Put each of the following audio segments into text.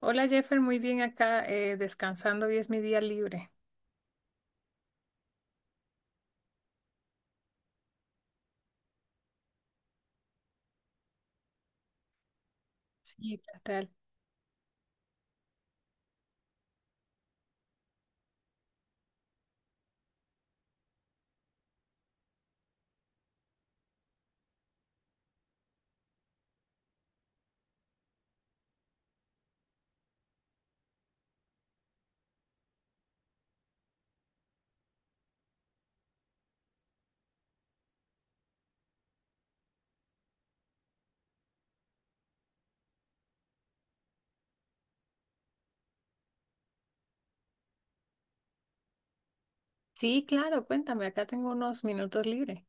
Hola Jeffer, muy bien acá, descansando, hoy es mi día libre. Sí, ¿qué tal? Sí, claro, cuéntame, acá tengo unos minutos libres.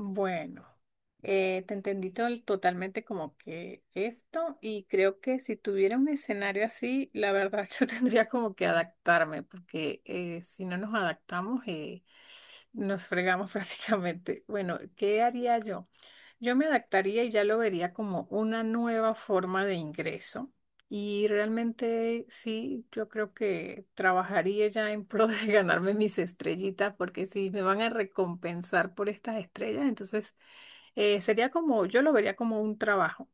Bueno, te entendí totalmente como que esto, y creo que si tuviera un escenario así, la verdad, yo tendría como que adaptarme, porque si no nos adaptamos, nos fregamos prácticamente. Bueno, ¿qué haría yo? Yo me adaptaría y ya lo vería como una nueva forma de ingreso. Y realmente sí, yo creo que trabajaría ya en pro de ganarme mis estrellitas, porque si me van a recompensar por estas estrellas, entonces sería como, yo lo vería como un trabajo.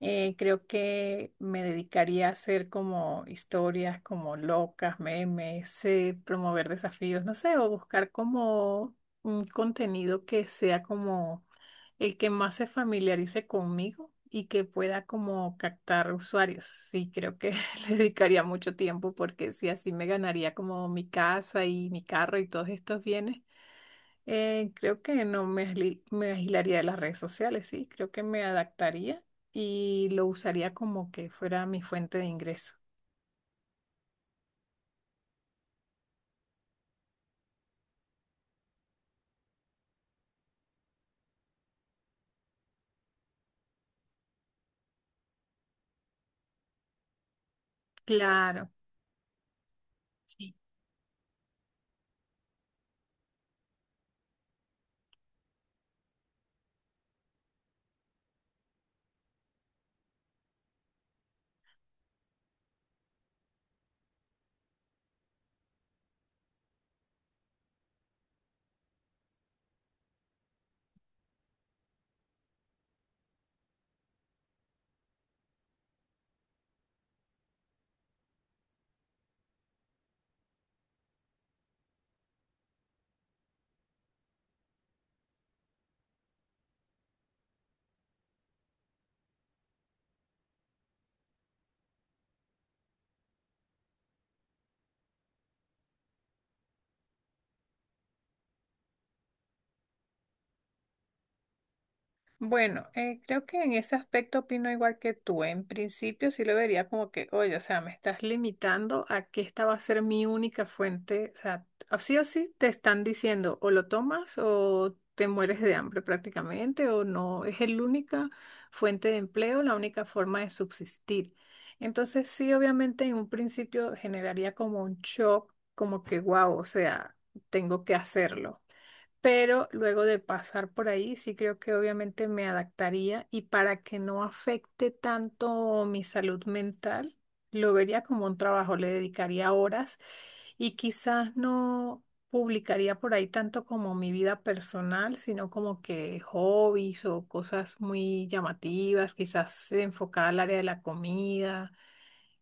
Creo que me dedicaría a hacer como historias como locas, memes, promover desafíos, no sé, o buscar como un contenido que sea como el que más se familiarice conmigo y que pueda como captar usuarios. Y creo que le dedicaría mucho tiempo, porque si así me ganaría como mi casa y mi carro y todos estos bienes. Creo que no me, me agilaría de las redes sociales, sí, creo que me adaptaría y lo usaría como que fuera mi fuente de ingreso. Claro. Sí. Bueno, creo que en ese aspecto opino igual que tú. En principio sí lo vería como que, oye, o sea, me estás limitando a que esta va a ser mi única fuente. O sea, o sí te están diciendo o lo tomas o te mueres de hambre prácticamente, o no. Es la única fuente de empleo, la única forma de subsistir. Entonces sí, obviamente en un principio generaría como un shock, como que, wow, o sea, tengo que hacerlo, pero luego de pasar por ahí, sí creo que obviamente me adaptaría, y para que no afecte tanto mi salud mental, lo vería como un trabajo, le dedicaría horas y quizás no publicaría por ahí tanto como mi vida personal, sino como que hobbies o cosas muy llamativas, quizás enfocada al área de la comida.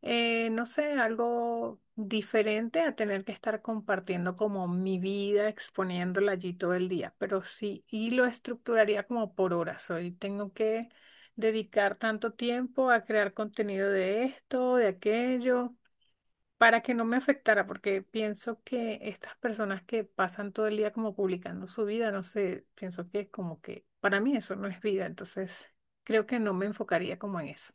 No sé, algo diferente a tener que estar compartiendo como mi vida, exponiéndola allí todo el día, pero sí, y lo estructuraría como por horas. Hoy tengo que dedicar tanto tiempo a crear contenido de esto, de aquello, para que no me afectara, porque pienso que estas personas que pasan todo el día como publicando su vida, no sé, pienso que como que para mí eso no es vida, entonces creo que no me enfocaría como en eso.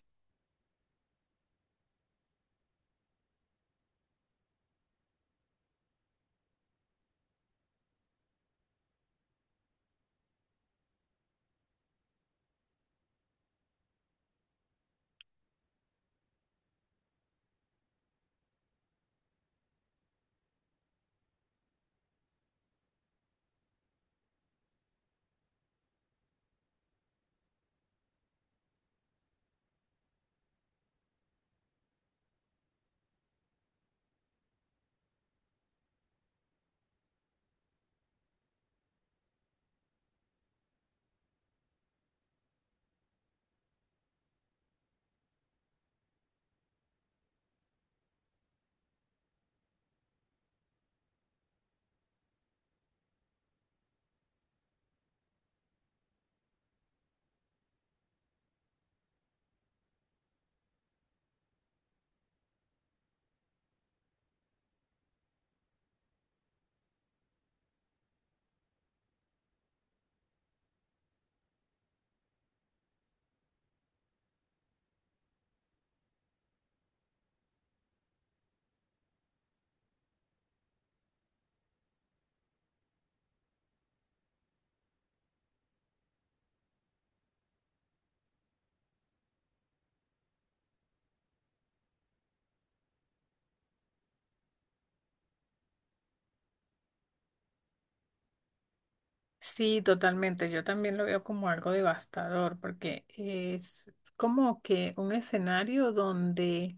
Sí, totalmente. Yo también lo veo como algo devastador, porque es como que un escenario donde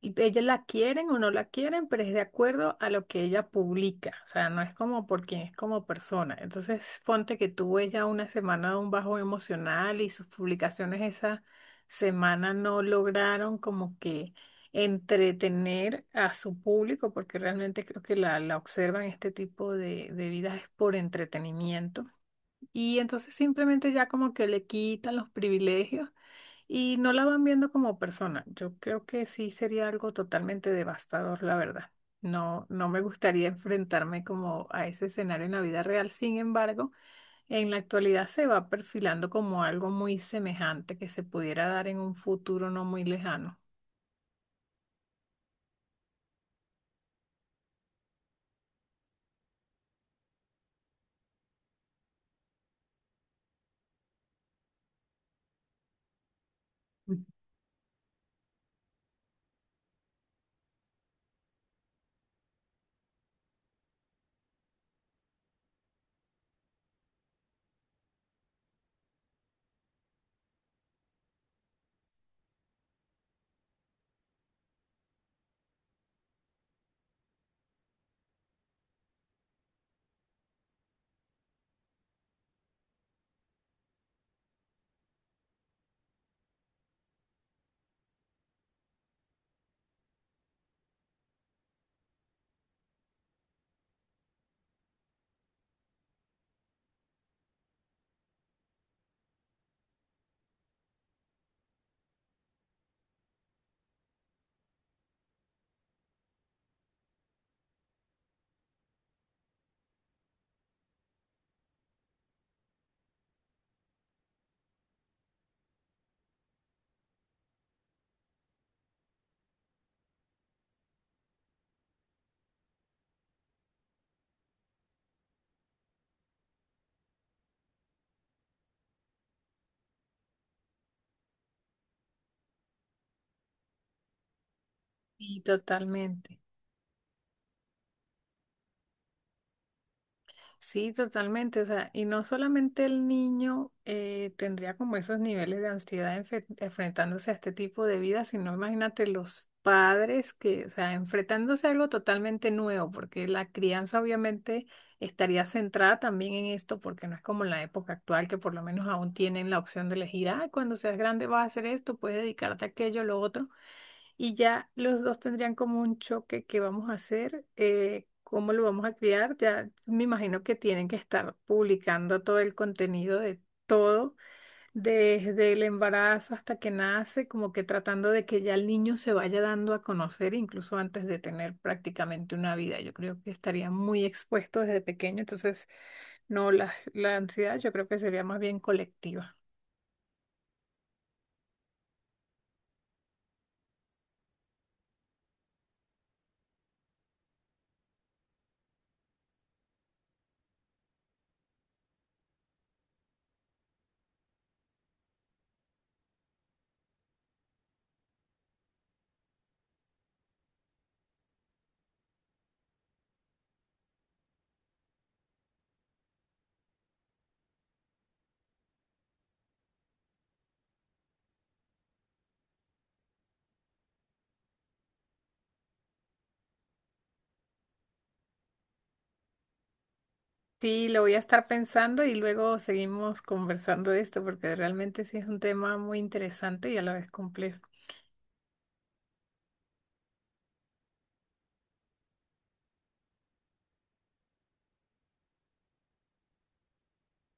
y ella la quieren o no la quieren, pero es de acuerdo a lo que ella publica. O sea, no es como por quien es como persona. Entonces, ponte que tuvo ella una semana de un bajo emocional y sus publicaciones esa semana no lograron como que entretener a su público, porque realmente creo que la observan este tipo de vidas es por entretenimiento. Y entonces simplemente ya como que le quitan los privilegios y no la van viendo como persona. Yo creo que sí sería algo totalmente devastador, la verdad. No, no me gustaría enfrentarme como a ese escenario en la vida real. Sin embargo, en la actualidad se va perfilando como algo muy semejante que se pudiera dar en un futuro no muy lejano. Mm. Y totalmente. Sí, totalmente. O sea, y no solamente el niño tendría como esos niveles de ansiedad enfrentándose a este tipo de vida, sino imagínate los padres que, o sea, enfrentándose a algo totalmente nuevo, porque la crianza obviamente estaría centrada también en esto, porque no es como en la época actual, que por lo menos aún tienen la opción de elegir, ah, cuando seas grande vas a hacer esto, puedes dedicarte a aquello, lo otro, y ya los dos tendrían como un choque, ¿qué vamos a hacer? ¿Cómo lo vamos a criar? Ya me imagino que tienen que estar publicando todo el contenido de todo, desde el embarazo hasta que nace, como que tratando de que ya el niño se vaya dando a conocer, incluso antes de tener prácticamente una vida. Yo creo que estaría muy expuesto desde pequeño, entonces no, la ansiedad yo creo que sería más bien colectiva. Sí, lo voy a estar pensando y luego seguimos conversando de esto, porque realmente sí es un tema muy interesante y a la vez complejo.